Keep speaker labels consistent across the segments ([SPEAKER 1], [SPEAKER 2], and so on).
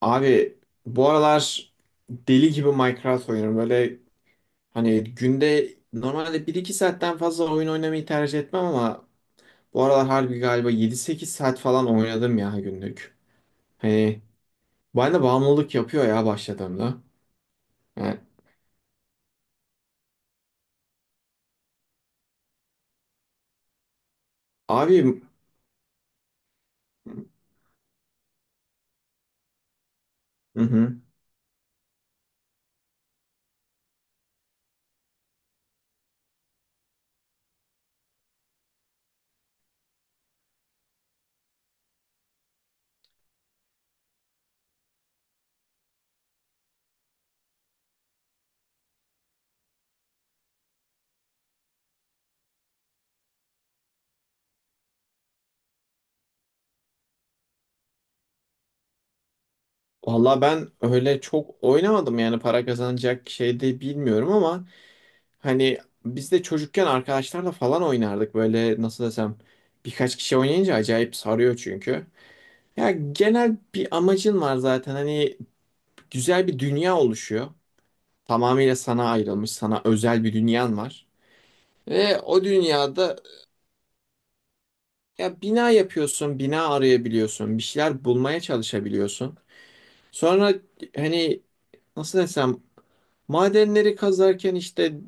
[SPEAKER 1] Abi bu aralar deli gibi Minecraft oynuyorum. Böyle hani günde normalde bir iki saatten fazla oyun oynamayı tercih etmem ama bu aralar harbi galiba yedi sekiz saat falan oynadım ya günlük. Hani bana bağımlılık yapıyor ya başladığımda. Yani, abi. Hı hı. Valla ben öyle çok oynamadım, yani para kazanacak şey de bilmiyorum ama hani biz de çocukken arkadaşlarla falan oynardık, böyle nasıl desem, birkaç kişi oynayınca acayip sarıyor çünkü. Ya genel bir amacın var zaten. Hani güzel bir dünya oluşuyor. Tamamıyla sana ayrılmış, sana özel bir dünyan var. Ve o dünyada ya bina yapıyorsun, bina arayabiliyorsun, bir şeyler bulmaya çalışabiliyorsun. Sonra hani nasıl desem, madenleri kazarken işte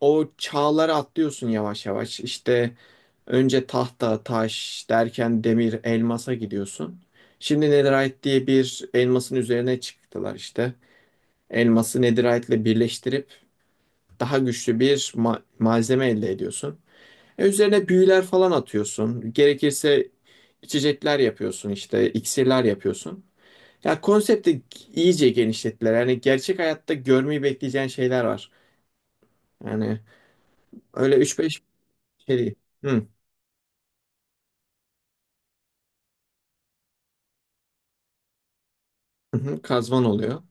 [SPEAKER 1] o çağları atlıyorsun yavaş yavaş. İşte önce tahta, taş derken demir, elmasa gidiyorsun. Şimdi netherite diye bir elmasın üzerine çıktılar işte. Elması netherite'le birleştirip daha güçlü bir malzeme elde ediyorsun. E, üzerine büyüler falan atıyorsun. Gerekirse içecekler yapıyorsun, işte iksirler yapıyorsun. Ya konsepti iyice genişlettiler. Yani gerçek hayatta görmeyi bekleyeceğin şeyler var. Yani öyle 3-5 şey değil. Hı. Hı hı, kazman oluyor.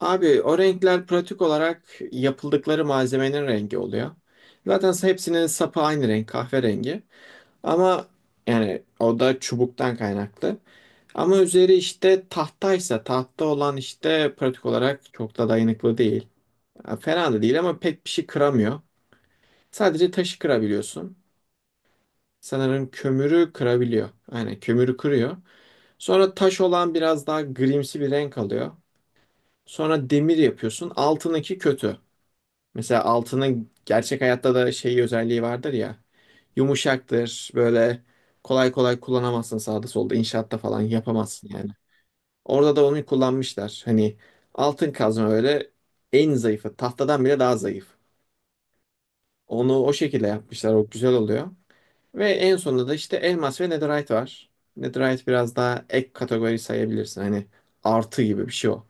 [SPEAKER 1] Abi o renkler pratik olarak yapıldıkları malzemenin rengi oluyor. Zaten hepsinin sapı aynı renk, kahverengi. Ama yani o da çubuktan kaynaklı. Ama üzeri işte tahtaysa, tahta olan işte pratik olarak çok da dayanıklı değil. Ya fena da değil ama pek bir şey kıramıyor. Sadece taşı kırabiliyorsun. Sanırım kömürü kırabiliyor. Yani kömürü kırıyor. Sonra taş olan biraz daha grimsi bir renk alıyor. Sonra demir yapıyorsun. Altındaki kötü. Mesela altının gerçek hayatta da şey özelliği vardır ya. Yumuşaktır. Böyle kolay kolay kullanamazsın, sağda solda inşaatta falan yapamazsın yani. Orada da onu kullanmışlar. Hani altın kazma öyle en zayıfı. Tahtadan bile daha zayıf. Onu o şekilde yapmışlar. O güzel oluyor. Ve en sonunda da işte elmas ve netherite var. Netherite biraz daha ek kategori sayabilirsin. Hani artı gibi bir şey o.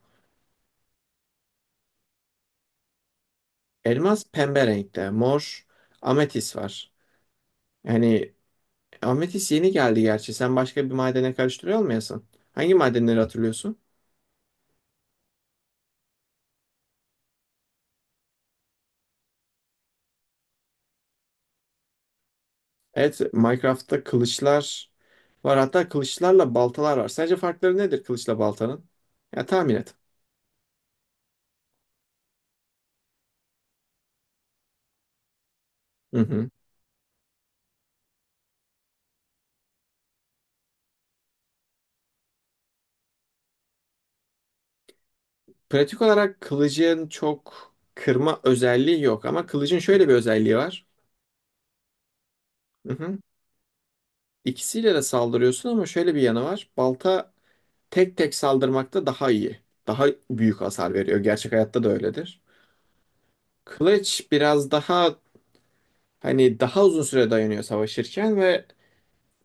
[SPEAKER 1] Elmas pembe renkte. Mor ametis var. Yani ametis yeni geldi gerçi. Sen başka bir madene karıştırıyor olmayasın. Hangi madenleri hatırlıyorsun? Evet, Minecraft'ta kılıçlar var. Hatta kılıçlarla baltalar var. Sence farkları nedir kılıçla baltanın? Ya tahmin et. Hı hı. Pratik olarak kılıcın çok kırma özelliği yok ama kılıcın şöyle bir özelliği var. Hı hı. İkisiyle de saldırıyorsun ama şöyle bir yanı var. Balta tek tek saldırmakta daha iyi. Daha büyük hasar veriyor. Gerçek hayatta da öyledir. Kılıç biraz daha hani daha uzun süre dayanıyor savaşırken ve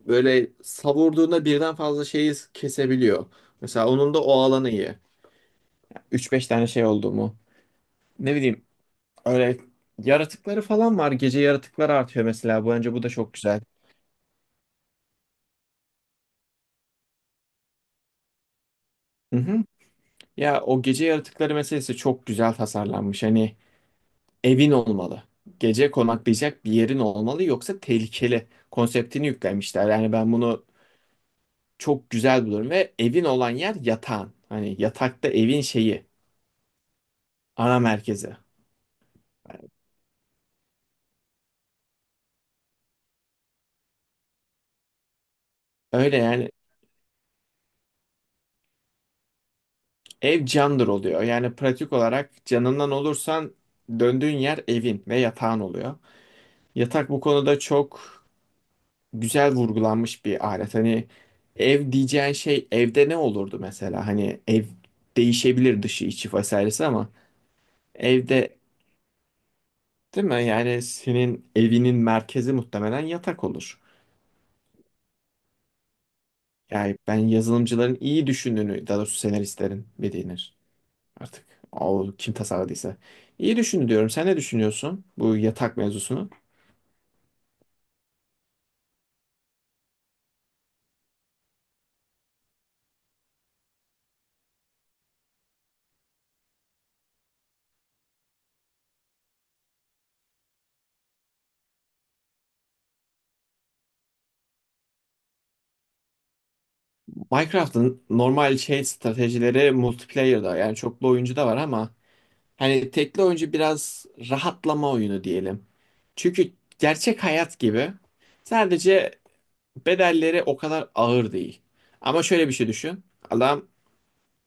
[SPEAKER 1] böyle savurduğunda birden fazla şeyi kesebiliyor. Mesela onun da o alanı iyi. Üç beş tane şey oldu mu? Ne bileyim, öyle yaratıkları falan var. Gece yaratıkları artıyor mesela. Bence bu da çok güzel. Hı hı. Ya o gece yaratıkları meselesi çok güzel tasarlanmış. Hani evin olmalı. Gece konaklayacak bir yerin olmalı, yoksa tehlikeli konseptini yüklemişler. Yani ben bunu çok güzel buluyorum ve evin olan yer yatağın. Hani yatakta evin şeyi, ana merkezi. Öyle yani, ev candır oluyor. Yani pratik olarak canından olursan döndüğün yer evin ve yatağın oluyor. Yatak bu konuda çok güzel vurgulanmış bir alet. Hani ev diyeceğin şey, evde ne olurdu mesela? Hani ev değişebilir, dışı içi vesairesi ama evde, değil mi? Yani senin evinin merkezi muhtemelen yatak olur. Yani ben yazılımcıların iyi düşündüğünü, daha doğrusu senaristlerin bir denir. Artık o kim tasarladıysa. İyi düşündü diyorum. Sen ne düşünüyorsun bu yatak mevzusunu? Minecraft'ın normal şey stratejileri multiplayer'da, yani çoklu oyuncu da var ama hani tekli oyuncu biraz rahatlama oyunu diyelim. Çünkü gerçek hayat gibi sadece bedelleri o kadar ağır değil. Ama şöyle bir şey düşün. Adam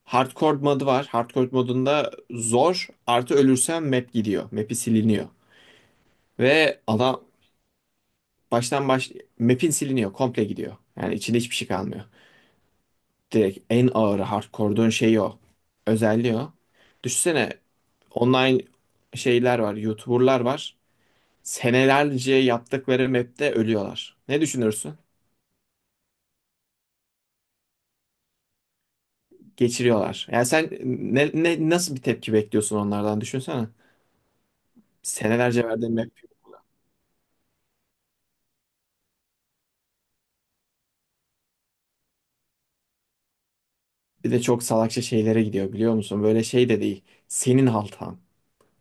[SPEAKER 1] hardcore modu var. Hardcore modunda zor artı ölürsen map gidiyor. Map'i siliniyor. Ve adam Baştan baş map'in siliniyor, komple gidiyor. Yani içinde hiçbir şey kalmıyor. Direkt en ağır hardcore'duğun şeyi o. Özelliği o. Düşünsene online şeyler var, YouTuber'lar var. Senelerce yaptıkları map'te ölüyorlar. Ne düşünürsün? Geçiriyorlar. Yani sen ne nasıl bir tepki bekliyorsun onlardan düşünsene. Senelerce verdiğin map, bir de çok salakça şeylere gidiyor biliyor musun? Böyle şey de değil. Senin haltan.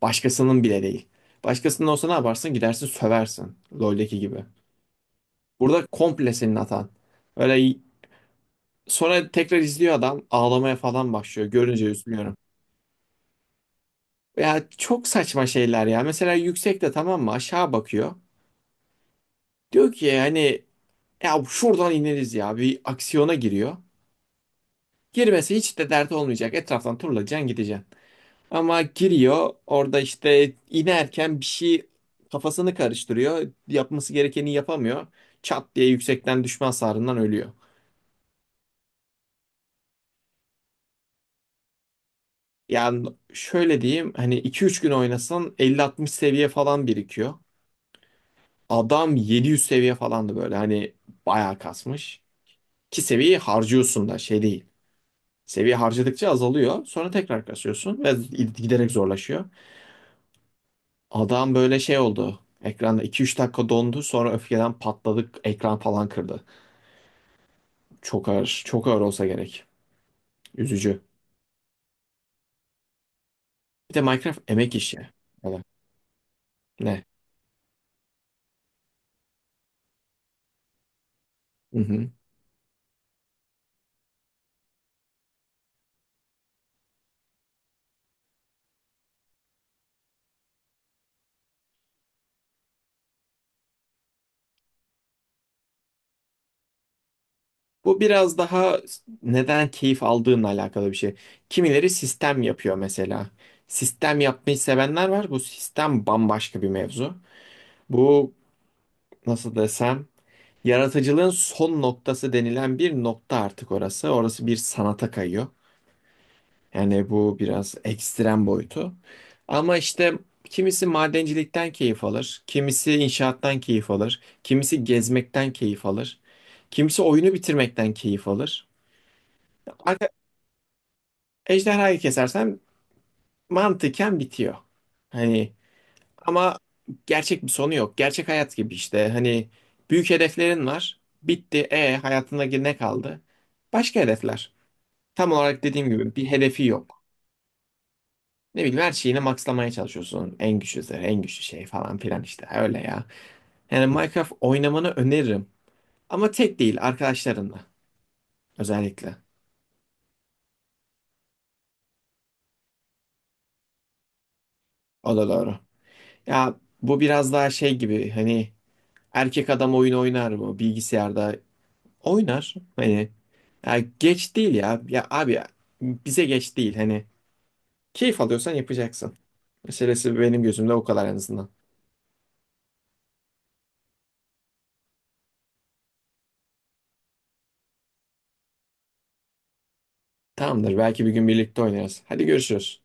[SPEAKER 1] Başkasının bile değil. Başkasının olsa ne yaparsın? Gidersin söversin. LoL'deki gibi. Burada komple senin hatan. Öyle, sonra tekrar izliyor adam, ağlamaya falan başlıyor. Görünce üzülüyorum. Ya çok saçma şeyler ya. Mesela yüksekte, tamam mı, aşağı bakıyor. Diyor ki hani ya şuradan ineriz, ya bir aksiyona giriyor. Girmesi hiç de dert olmayacak. Etraftan turlayacaksın gideceksin. Ama giriyor orada, işte inerken bir şey kafasını karıştırıyor. Yapması gerekeni yapamıyor. Çat diye yüksekten düşme hasarından ölüyor. Yani şöyle diyeyim, hani 2-3 gün oynasan 50-60 seviye falan birikiyor. Adam 700 seviye falandı, böyle hani bayağı kasmış. Ki seviyeyi harcıyorsun da şey değil. Seviye harcadıkça azalıyor. Sonra tekrar kasıyorsun ve giderek zorlaşıyor. Adam böyle şey oldu. Ekranda 2-3 dakika dondu, sonra öfkeden patladık, ekran falan kırdı. Çok ağır, çok ağır olsa gerek. Üzücü. Bir de Minecraft emek işi. Evet. Ne? Hı hı. Bu biraz daha neden keyif aldığınla alakalı bir şey. Kimileri sistem yapıyor mesela. Sistem yapmayı sevenler var. Bu sistem bambaşka bir mevzu. Bu nasıl desem, yaratıcılığın son noktası denilen bir nokta artık orası. Orası bir sanata kayıyor. Yani bu biraz ekstrem boyutu. Ama işte kimisi madencilikten keyif alır, kimisi inşaattan keyif alır, kimisi gezmekten keyif alır, kimisi oyunu bitirmekten keyif alır. Ejderhayı kesersen mantıken bitiyor. Hani ama gerçek bir sonu yok. Gerçek hayat gibi işte. Hani büyük hedeflerin var. Bitti. E hayatında ne kaldı? Başka hedefler. Tam olarak dediğim gibi bir hedefi yok. Ne bileyim, her şeyini maxlamaya çalışıyorsun. En güçlüsü, en güçlü şey falan filan işte. Öyle ya. Yani Minecraft oynamanı öneririm. Ama tek değil, arkadaşlarınla özellikle. O da doğru. Ya bu biraz daha şey gibi, hani erkek adam oyun oynar mı bilgisayarda? Oynar. Hani ya geç değil ya. Ya abi ya, bize geç değil. Hani keyif alıyorsan yapacaksın. Meselesi benim gözümde o kadar en azından. Tamamdır. Belki bir gün birlikte oynarız. Hadi görüşürüz.